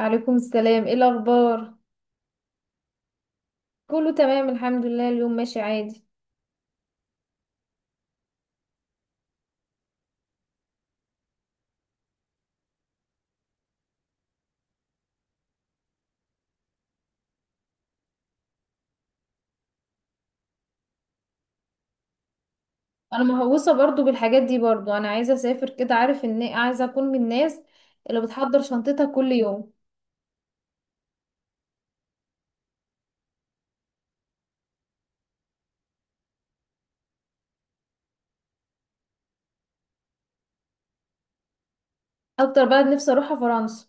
عليكم السلام، ايه الاخبار؟ كله تمام الحمد لله، اليوم ماشي عادي. انا مهووسه برضو بالحاجات دي، برضو انا عايزه اسافر، كده عارف ان عايزه اكون من الناس اللي بتحضر شنطتها كل يوم. اكتر بلد نفسي اروحها فرنسا.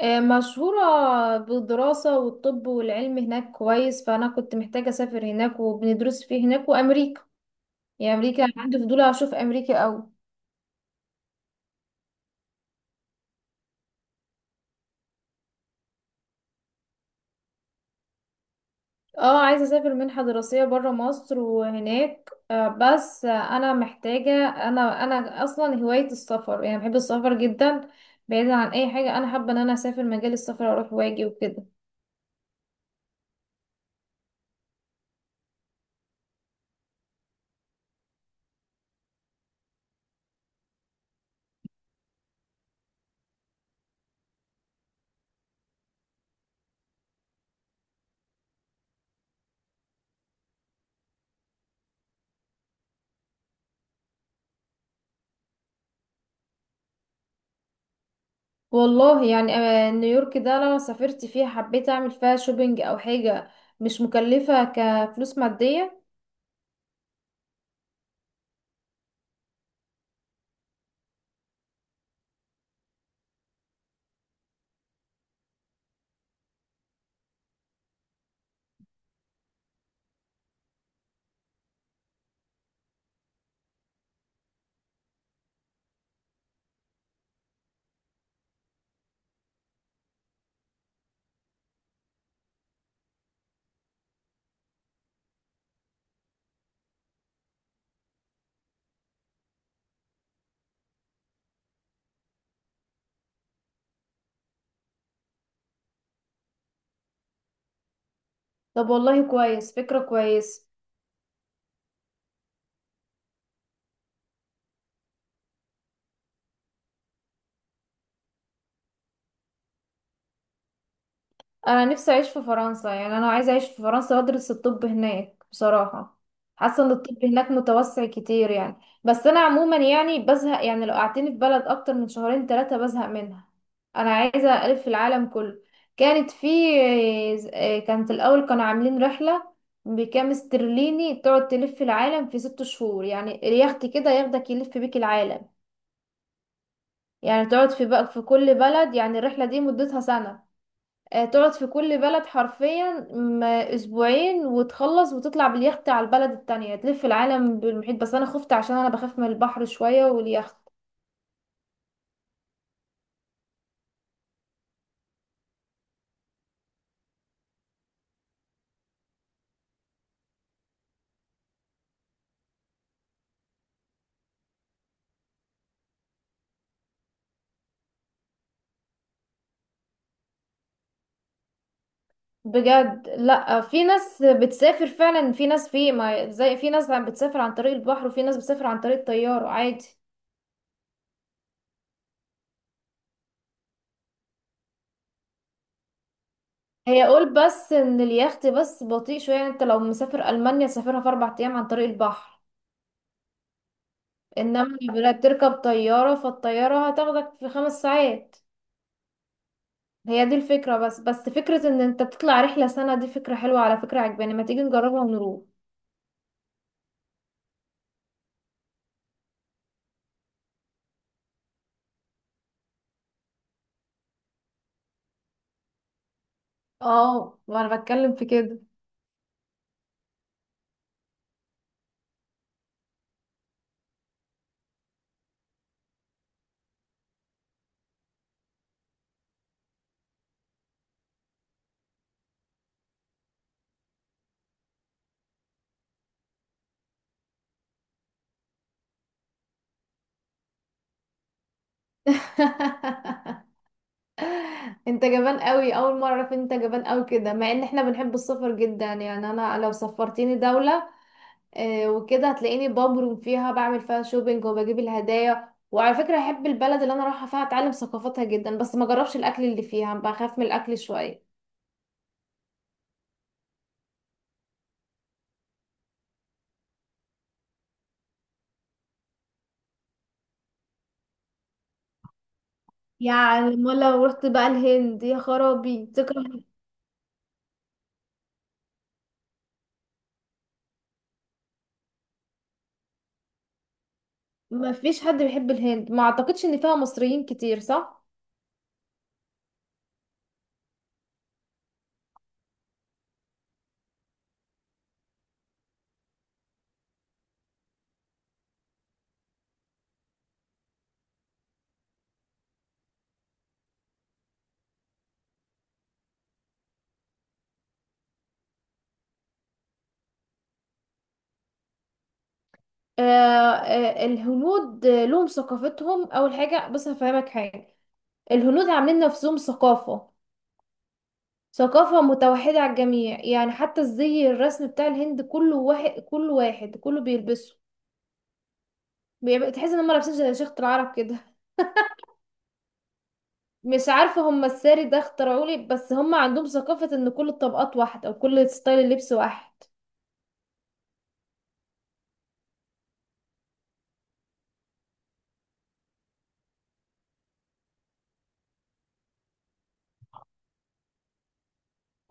مشهوره بالدراسه والطب والعلم هناك كويس، فانا كنت محتاجه اسافر هناك وبندرس فيه هناك وامريكا. يعني امريكا عندي فضول اشوف امريكا قوي. اه، عايزة اسافر منحة دراسية برا مصر وهناك. بس انا محتاجة، انا اصلا هواية السفر، يعني بحب السفر جدا. بعيدا عن اي حاجة، انا حابة ان انا اسافر مجال السفر، اروح واجي وكده. والله يعني، نيويورك ده لو سافرت فيها حبيت اعمل فيها شوبينج او حاجة مش مكلفة كفلوس مادية. طب والله، كويس فكرة كويسة. انا نفسي اعيش في فرنسا، يعني انا عايزه اعيش في فرنسا وادرس الطب هناك بصراحه. حاسه ان الطب هناك متوسع كتير يعني. بس انا عموما يعني بزهق، يعني لو قعدتني في بلد اكتر من شهرين ثلاثه بزهق منها. انا عايزه الف في العالم كله. كانت في كانت الاول كانوا عاملين رحله بكام استرليني تقعد تلف في العالم في 6 شهور، يعني اليخت كده ياخدك يلف بيك العالم. يعني تقعد في بقى في كل بلد، يعني الرحله دي مدتها سنه. تقعد في كل بلد حرفيا اسبوعين وتخلص وتطلع باليخت على البلد التانية تلف العالم بالمحيط، بس انا خفت عشان انا بخاف من البحر شوية واليخت. بجد، لا، في ناس بتسافر فعلا، في ناس، في ما زي في ناس عم بتسافر عن طريق البحر، وفي ناس بتسافر عن طريق الطيارة عادي. هي قول بس ان اليخت بس بطيء شوية، يعني انت لو مسافر المانيا تسافرها في 4 ايام عن طريق البحر. انما بتركب طيارة، فالطيارة هتاخدك في 5 ساعات. هي دي الفكرة بس فكرة ان انت تطلع رحلة سنة، دي فكرة حلوة، على فكرة عجباني، ما تيجي نجربها ونروح. اه، ما انا بتكلم في كده. انت جبان قوي، اول مره اعرف إن انت جبان قوي كده، مع ان احنا بنحب السفر جدا، يعني انا لو سفرتيني دوله وكده هتلاقيني ببرم فيها، بعمل فيها شوبينج وبجيب الهدايا، وعلى فكره احب البلد اللي انا رايحه فيها اتعلم ثقافتها جدا، بس ما جربش الاكل اللي فيها، بخاف من الاكل شويه. يعني ما لو رحت بقى الهند يا خرابي تكره. ما فيش حد بيحب الهند، ما اعتقدش ان فيها مصريين كتير، صح؟ آه آه، الهنود لهم ثقافتهم. اول حاجه بص هفهمك حاجه، الهنود عاملين نفسهم ثقافه، ثقافه متوحده على الجميع، يعني حتى الزي الرسم بتاع الهند كله واحد، كله واحد كله بيلبسه. تحس ان هم لابسين زي شيخة العرب كده. مش عارفه هم الساري ده اخترعوا لي، بس هم عندهم ثقافه ان كل الطبقات واحده وكل ستايل اللبس واحد.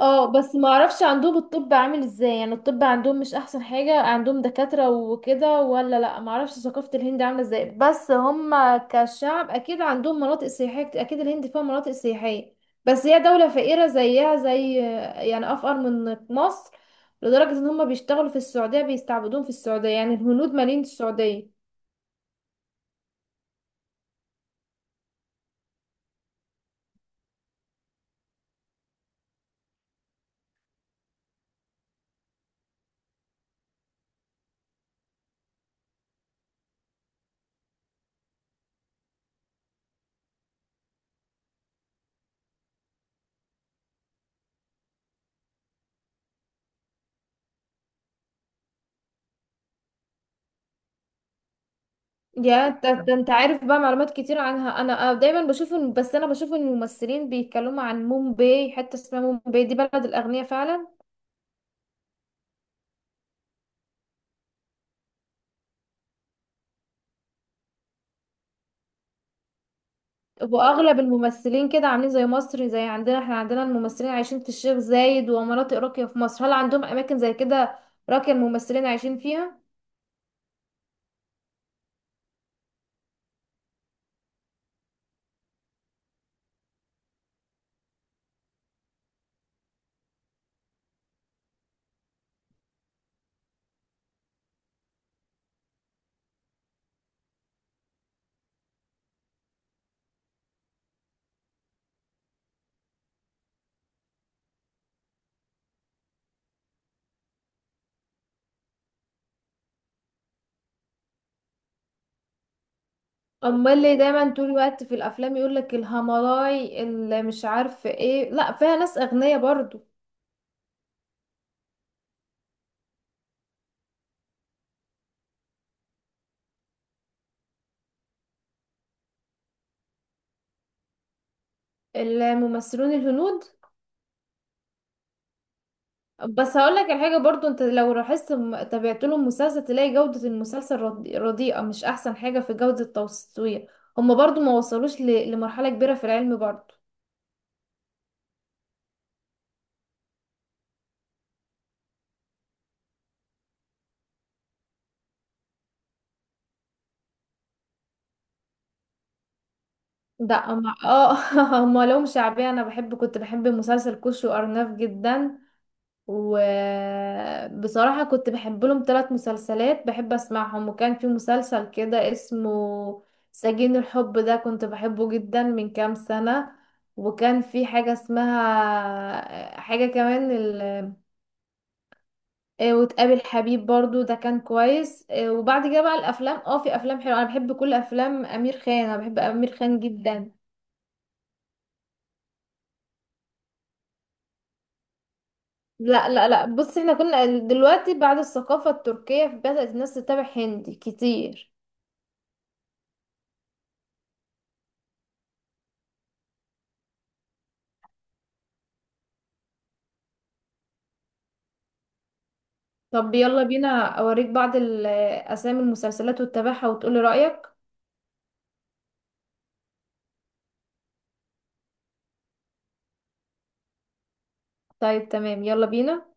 اه بس ما اعرفش عندهم الطب عامل ازاي، يعني الطب عندهم مش احسن حاجة، عندهم دكاترة وكده ولا لا؟ ما اعرفش ثقافة الهند عاملة ازاي، بس هم كشعب اكيد عندهم مناطق سياحية، اكيد الهند فيها مناطق سياحية. بس هي دولة فقيرة زيها زي، يعني افقر من مصر، لدرجة ان هم بيشتغلوا في السعودية، بيستعبدون في السعودية، يعني الهنود مالين السعودية. انت عارف بقى معلومات كتير عنها، انا دايما بشوف إن- بس انا بشوف ان الممثلين بيتكلموا عن مومباي. حته اسمها مومباي دي بلد الاغنياء فعلا. واغلب الممثلين كده عاملين زي مصر، زي عندنا احنا، عندنا الممثلين عايشين في الشيخ زايد ومناطق راقيه في مصر، هل عندهم اماكن زي كده راقيه الممثلين عايشين فيها؟ امال اللي دايما طول الوقت في الافلام يقول لك الهملاي اللي مش عارف ايه، لا فيها ناس اغنياء برضو. الممثلون الهنود. بس هقول لك الحاجه برضو، انت لو لاحظت تابعت لهم مسلسل تلاقي جوده المسلسل رديئه، مش احسن حاجه في جوده التصوير. هما برضو ما وصلوش لمرحله كبيره في العلم برضو. ده أما هما لهم شعبيه. انا بحب كنت بحب مسلسل كوش وارناف جدا، وبصراحة كنت بحب لهم 3 مسلسلات بحب أسمعهم، وكان في مسلسل كده اسمه سجين الحب، ده كنت بحبه جدا من كام سنة. وكان في حاجة اسمها حاجة كمان وتقابل حبيب برضو، ده كان كويس. وبعد كده بقى الأفلام، في أفلام حلوة، أنا بحب كل أفلام أمير خان، أنا بحب أمير خان جدا. لا لا لا، بص احنا كنا دلوقتي بعد الثقافة التركية بدأت الناس تتابع هندي كتير. طب يلا بينا اوريك بعض الاسامي المسلسلات واتبعها وتقولي رأيك. طيب تمام يلا بينا.